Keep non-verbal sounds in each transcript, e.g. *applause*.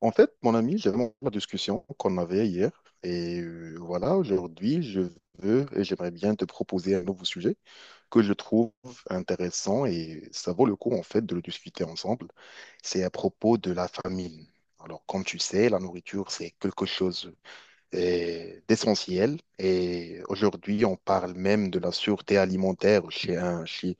En fait, mon ami, j'aime la discussion qu'on avait hier. Et voilà, aujourd'hui, je veux et j'aimerais bien te proposer un nouveau sujet que je trouve intéressant et ça vaut le coup, en fait, de le discuter ensemble. C'est à propos de la famine. Alors, comme tu sais, la nourriture, c'est quelque chose d'essentiel. Et aujourd'hui, on parle même de la sûreté alimentaire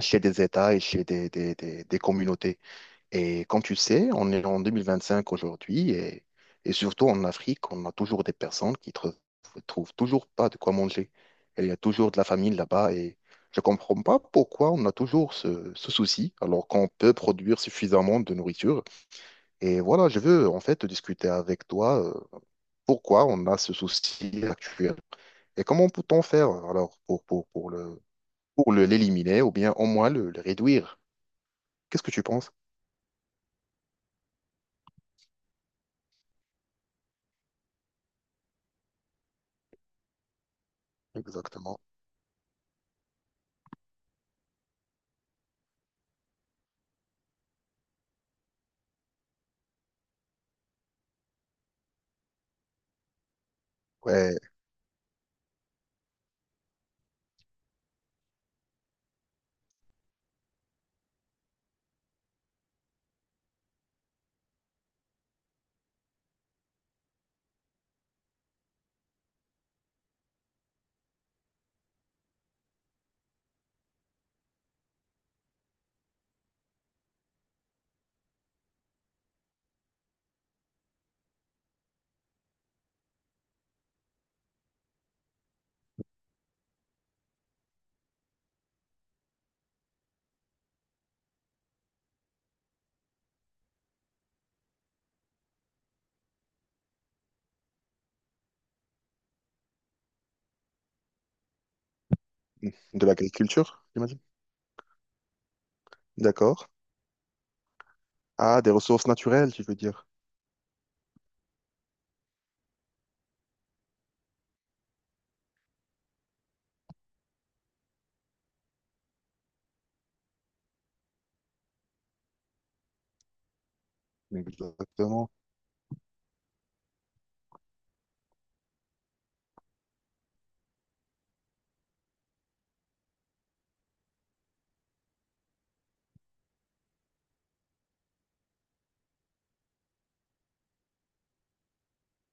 chez des États et chez des communautés. Et comme tu sais, on est en 2025 aujourd'hui et surtout en Afrique, on a toujours des personnes qui ne trouvent toujours pas de quoi manger. Et il y a toujours de la famine là-bas et je ne comprends pas pourquoi on a toujours ce souci alors qu'on peut produire suffisamment de nourriture. Et voilà, je veux en fait discuter avec toi pourquoi on a ce souci actuel et comment peut-on faire alors pour l'éliminer ou bien au moins le réduire. Qu'est-ce que tu penses exactement? Ouais. De l'agriculture, j'imagine. D'accord. Ah, des ressources naturelles, tu veux dire. Exactement.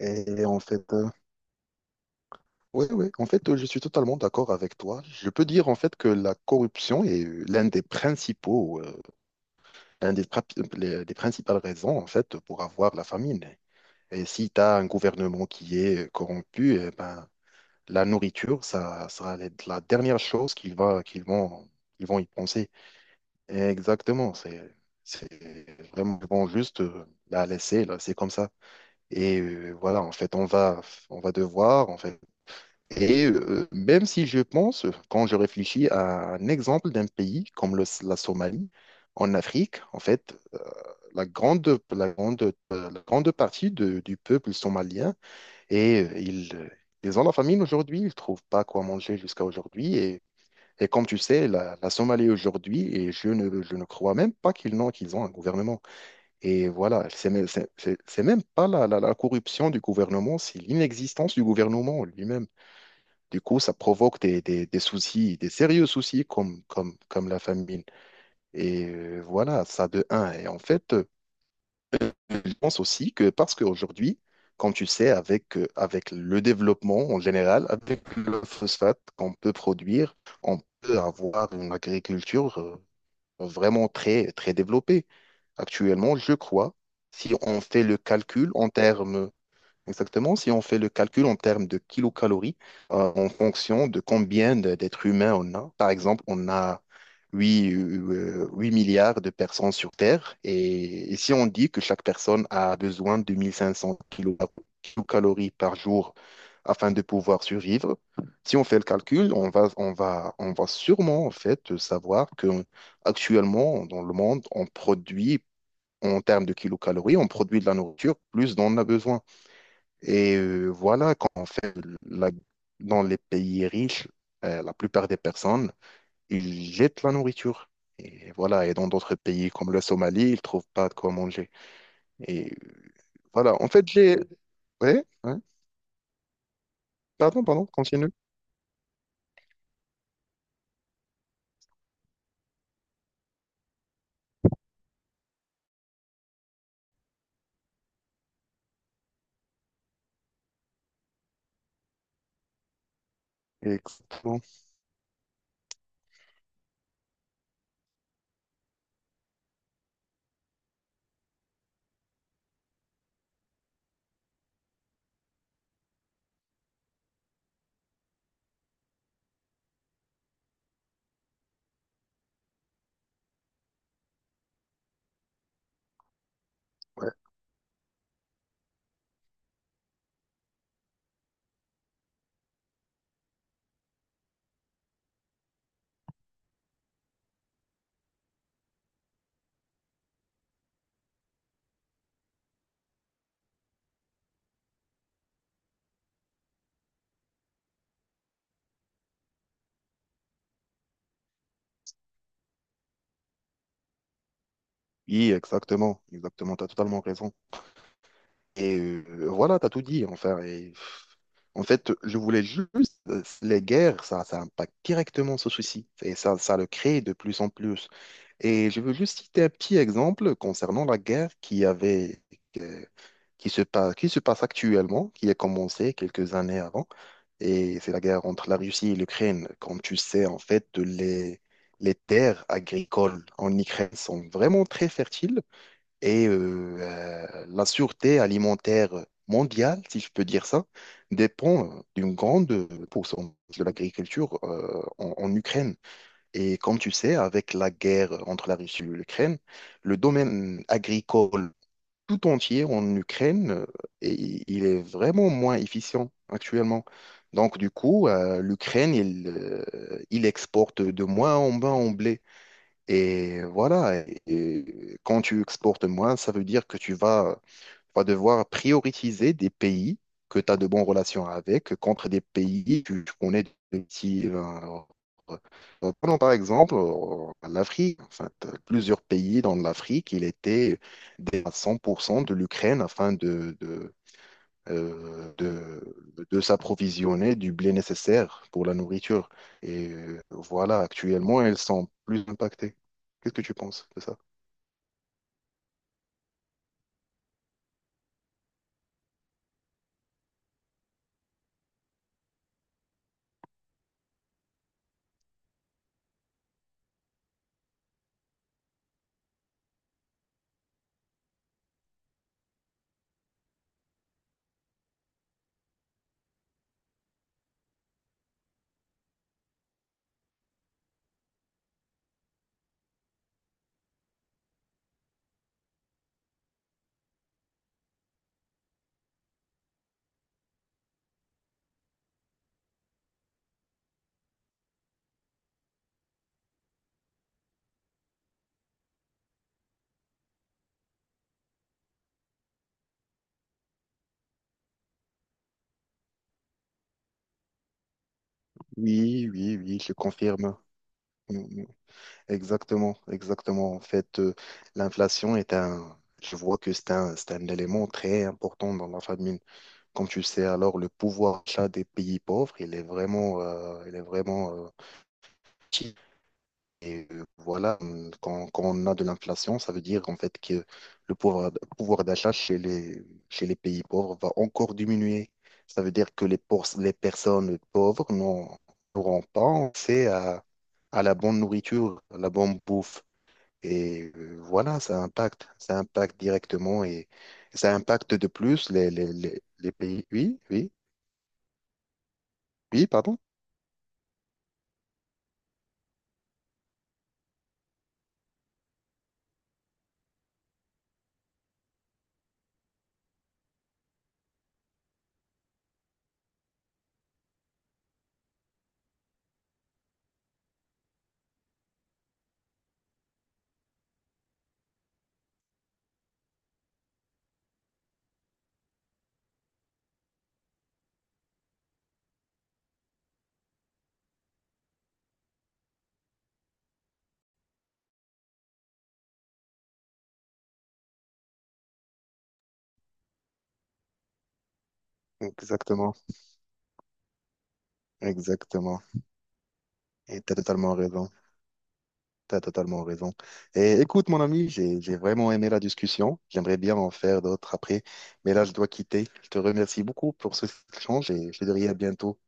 Et en fait, oui, oui, en fait, je suis totalement d'accord avec toi. Je peux dire en fait que la corruption est l'un des, prap- les- des principales raisons en fait pour avoir la famine. Et si tu as un gouvernement qui est corrompu, eh ben, la nourriture, ça sera la dernière chose qu'ils va, qu'ils vont, ils vont y penser. Exactement, c'est vraiment ils vont juste la laisser, là, c'est comme ça. Et voilà, en fait, on va devoir, en fait et même si je pense, quand je réfléchis à un exemple d'un pays comme la Somalie, en Afrique, en fait, la grande, la grande, la grande partie du peuple somalien, et ils ont la famine aujourd'hui, ils ne trouvent pas quoi manger jusqu'à aujourd'hui. Et comme tu sais, la Somalie aujourd'hui, et je ne crois même pas qu'ils ont un gouvernement. Et voilà, c'est même c'est même pas la corruption du gouvernement, c'est l'inexistence du gouvernement lui-même. Du coup, ça provoque des soucis, des sérieux soucis comme la famine. Et voilà, ça de un. Et en fait, je pense aussi que parce qu'aujourd'hui, comme tu sais, avec le développement en général, avec le phosphate qu'on peut produire, on peut avoir une agriculture vraiment très, très développée. Actuellement, je crois. Si on fait le calcul en termes Exactement. Si on fait le calcul en termes de kilocalories, en fonction de combien d'êtres humains on a, par exemple, on a 8 8 milliards de personnes sur Terre. Et si on dit que chaque personne a besoin de 1 500 kilocalories par jour afin de pouvoir survivre, si on fait le calcul, on va sûrement en fait savoir que actuellement dans le monde, on produit, en termes de kilocalories, on produit de la nourriture plus dont on a besoin. Et voilà, quand on fait la- dans les pays riches, la plupart des personnes, ils jettent la nourriture. Et voilà, et dans d'autres pays comme la Somalie, ils trouvent pas de quoi manger. Et voilà, en fait, j'ai. Ouais, ouais, pardon, pardon, continue. Exactement. Ouais. Oui, exactement, exactement, tu as totalement raison. Et voilà, tu as tout dit, enfin. Et, en fait, je voulais juste. Les guerres, ça impacte directement ce souci. Et ça le crée de plus en plus. Et je veux juste citer un petit exemple concernant la guerre euh, qui se passe actuellement, qui a commencé quelques années avant. Et c'est la guerre entre la Russie et l'Ukraine. Comme tu sais, en fait, les terres agricoles en Ukraine sont vraiment très fertiles et la sûreté alimentaire mondiale, si je peux dire ça, dépend d'une grande pourcentage de l'agriculture en Ukraine. Et comme tu sais, avec la guerre entre la Russie et l'Ukraine, le domaine agricole tout entier en Ukraine, il est vraiment moins efficient actuellement. Donc du coup, l'Ukraine, il exporte de moins en moins en blé. Et voilà, et quand tu exportes moins, ça veut dire que tu vas devoir prioriser des pays que tu as de bonnes relations avec contre des pays que tu connais de petits. Prenons par exemple l'Afrique. En fait, plusieurs pays dans l'Afrique, il était à 100% de l'Ukraine afin de s'approvisionner du blé nécessaire pour la nourriture. Et voilà, actuellement, elles sont plus impactées. Qu'est-ce que tu penses de ça? Oui, oui, oui, je confirme. Exactement, exactement. En fait, l'inflation je vois que c'est un élément très important dans la famine. Comme tu sais, alors le pouvoir d'achat des pays pauvres, il est vraiment petit. Et voilà, quand on a de l'inflation, ça veut dire en fait que le pouvoir, pouvoir d'achat chez les pays pauvres va encore diminuer. Ça veut dire que les personnes pauvres n'auront pas accès à la bonne nourriture, à la bonne bouffe. Et voilà, ça impacte directement et ça impacte de plus les pays. Oui, oui, oui, pardon. Exactement, exactement. Et t'as totalement raison. T'as totalement raison. Et écoute, mon ami, j'ai vraiment aimé la discussion. J'aimerais bien en faire d'autres après, mais là, je dois quitter. Je te remercie beaucoup pour ce *laughs* échange et je te dirai à bientôt.